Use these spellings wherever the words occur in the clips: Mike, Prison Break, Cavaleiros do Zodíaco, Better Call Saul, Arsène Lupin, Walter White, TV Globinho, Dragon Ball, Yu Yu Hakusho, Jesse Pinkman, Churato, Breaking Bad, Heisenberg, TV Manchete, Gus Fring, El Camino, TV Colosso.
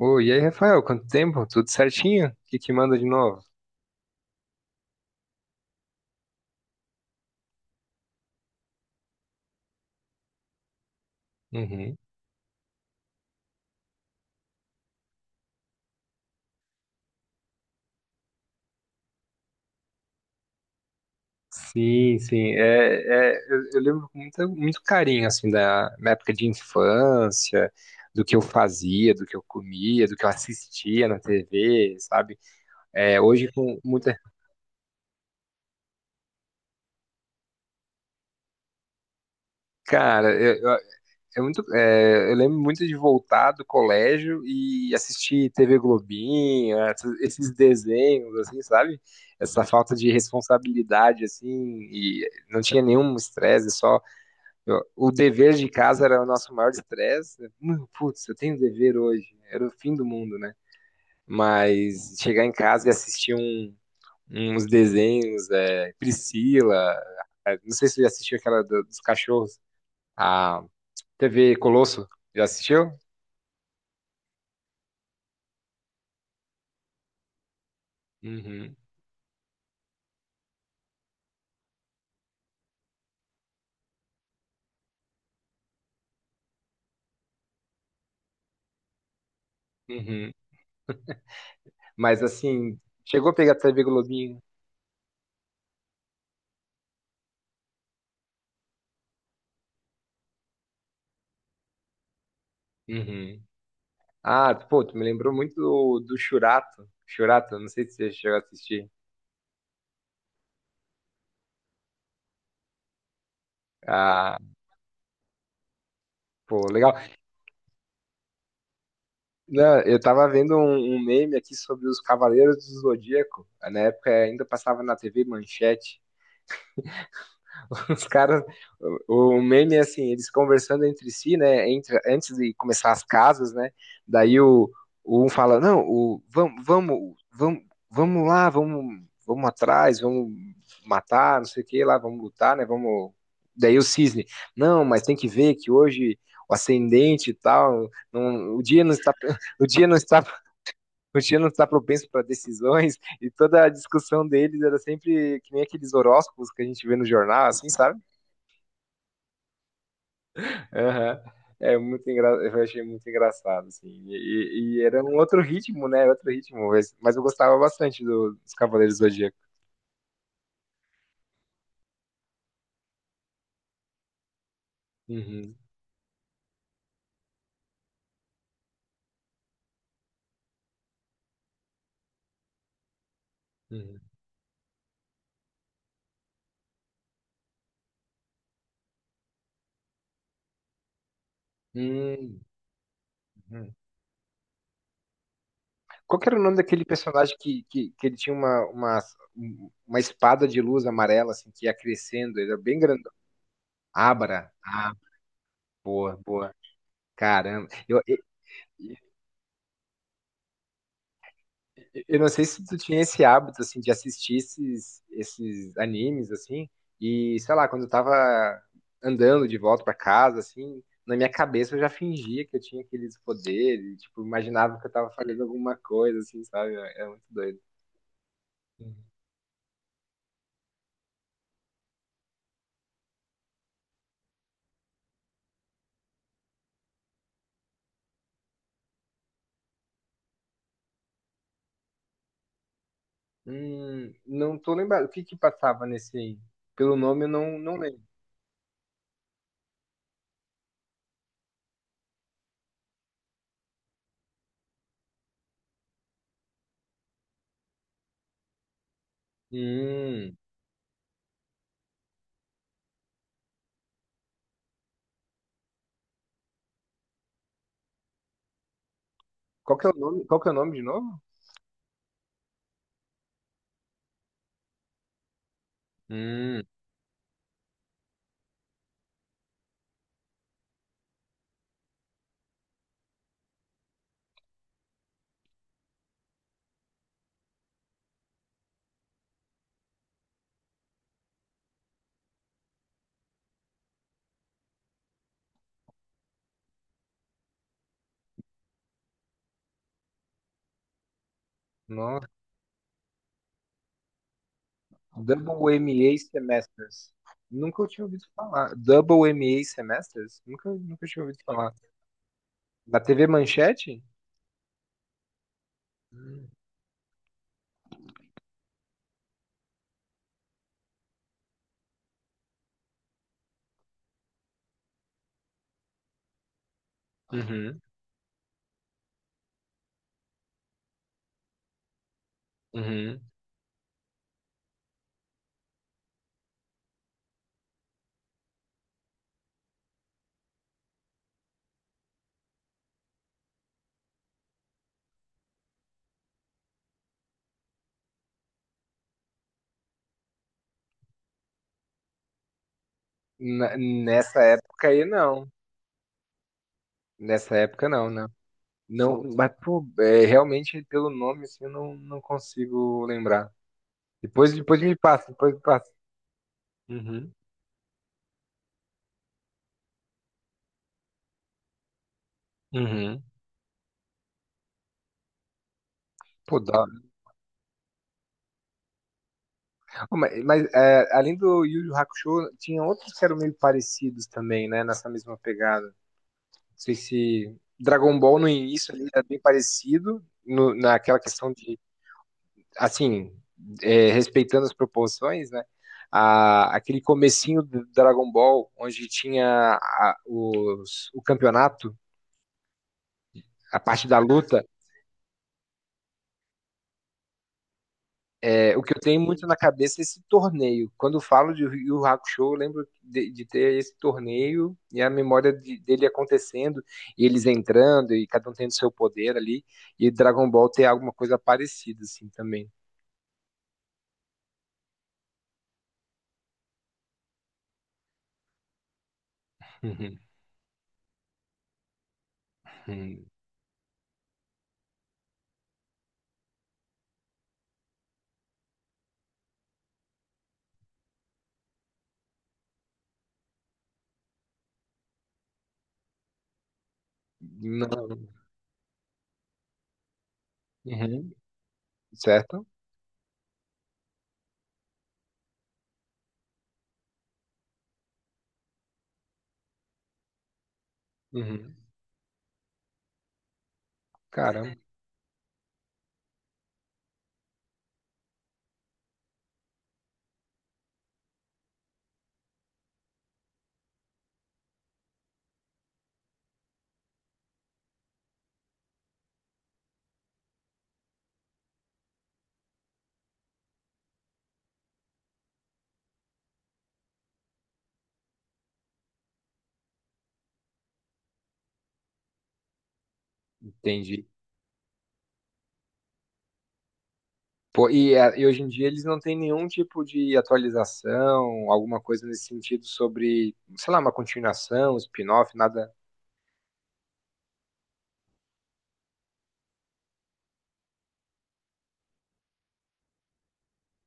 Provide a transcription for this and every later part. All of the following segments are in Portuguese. Oi, e aí, Rafael, quanto tempo? Tudo certinho? O que que manda de novo? Uhum. Sim, sim. É, eu lembro com muito carinho, assim, da minha época de infância, do que eu fazia, do que eu comia, do que eu assistia na TV, sabe? É, hoje com muita... Cara, eu lembro muito de voltar do colégio e assistir TV Globinho, esses desenhos, assim, sabe? Essa falta de responsabilidade, assim, e não tinha nenhum estresse, só o dever de casa era o nosso maior estresse. Putz, eu tenho dever hoje, era o fim do mundo, né? Mas chegar em casa e assistir uns desenhos, Priscila, não sei se você já assistiu aquela dos cachorros, a TV Colosso, já assistiu? Uhum, uhum. Mas assim, chegou a pegar TV Globinho? Uhum. Ah, pô, tu me lembrou muito do Churato. Churato, não sei se você chegou a assistir. Ah, pô, legal. Não, eu tava vendo um meme aqui sobre os Cavaleiros do Zodíaco. Na época ainda passava na TV Manchete. Os caras, o meme é assim, eles conversando entre si, né? Entre, antes de começar as casas, né? Daí o um fala, não, o, vamos, vamos, vamos, vamos lá, vamos, vamos atrás, vamos matar, não sei o que lá, vamos lutar, né? Vamos. Daí o cisne, não, mas tem que ver que hoje o ascendente e tal, não, o dia não está, o dia não está, o dia não está propenso para decisões e toda a discussão deles era sempre que nem aqueles horóscopos que a gente vê no jornal, assim, sabe? Aham. Eu achei muito engraçado, assim. E era um outro ritmo, né? Outro ritmo. Mas eu gostava bastante dos Cavaleiros do Zodíaco. Uhum, uhum. Hum, uhum. Qual que era o nome daquele personagem que ele tinha uma espada de luz amarela, assim, que ia crescendo? Ele era bem grandão. Abra. Ah, boa, boa. Caramba. Eu não sei se tu tinha esse hábito, assim, de assistir esses animes, assim, e, sei lá, quando eu tava andando de volta pra casa, assim, na minha cabeça eu já fingia que eu tinha aqueles poderes, tipo, imaginava que eu tava fazendo alguma coisa, assim, sabe? É muito doido. Uhum. Não tô lembrado. O que que passava nesse aí? Pelo nome eu não lembro. Hum, Qual que é o nome, qual que é o nome de novo? Hum, Nossa. Double WMA Semesters. Nunca eu tinha ouvido falar. Double WMA Semesters? Nunca eu tinha ouvido falar. Na TV Manchete? Uhum, uhum. Nessa época aí, não. Nessa época, não, né? Não, mas, pô, é, realmente, pelo nome, assim, eu não consigo lembrar. Depois me passa, depois me passa. Uhum, uhum. Pô, dá. Ô, mas, além do Yu Yu Hakusho, tinha outros que eram meio parecidos também, né? Nessa mesma pegada. Sei se Dragon Ball no início ali era bem parecido naquela questão de, assim, respeitando as proporções, né? Aquele comecinho do Dragon Ball, onde tinha o campeonato, a parte da luta, o que eu tenho muito na cabeça é esse torneio. Quando eu falo de Yu Yu Hakusho, eu lembro de ter esse torneio e a memória dele acontecendo, e eles entrando, e cada um tendo seu poder ali, e Dragon Ball ter alguma coisa parecida, assim, também. Uhum, uhum. Não. Uhum. Certo? Uhum. Caramba, entendi. Pô, e hoje em dia eles não têm nenhum tipo de atualização, alguma coisa nesse sentido sobre, sei lá, uma continuação, spin-off, nada.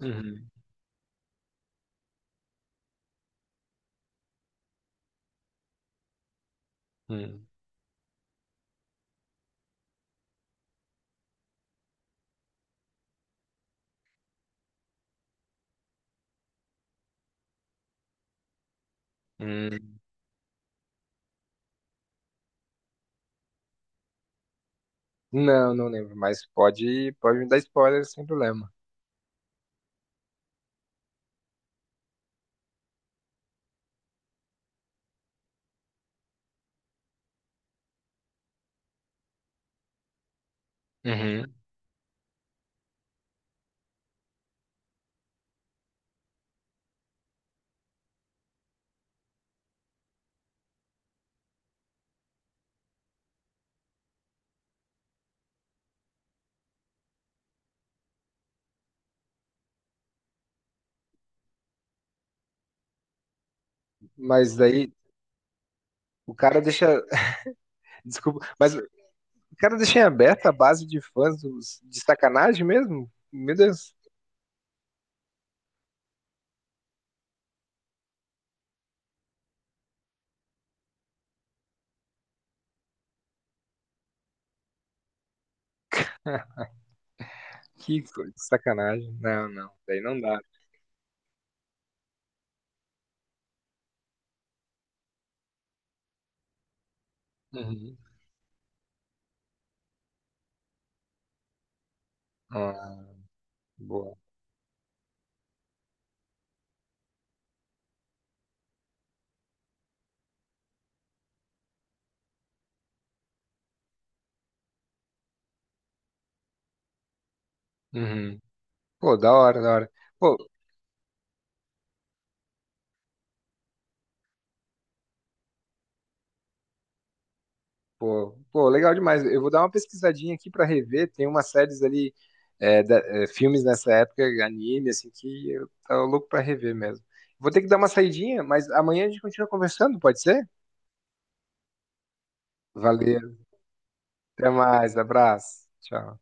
Uhum, uhum, uhum. Não, não lembro, mas pode me dar spoiler sem problema. Uhum. Mas daí o cara deixa. Desculpa, mas o cara deixa em aberto a base de fãs de sacanagem mesmo? Meu Deus. Que sacanagem. Não, não. Daí não dá. Uhum. Ah, boa. Uhum. Pô, da hora, da hora. Pô, pô, legal demais. Eu vou dar uma pesquisadinha aqui pra rever. Tem umas séries ali, filmes nessa época, anime, assim, que eu tava louco pra rever mesmo. Vou ter que dar uma saidinha, mas amanhã a gente continua conversando, pode ser? Valeu. Até mais. Abraço. Tchau.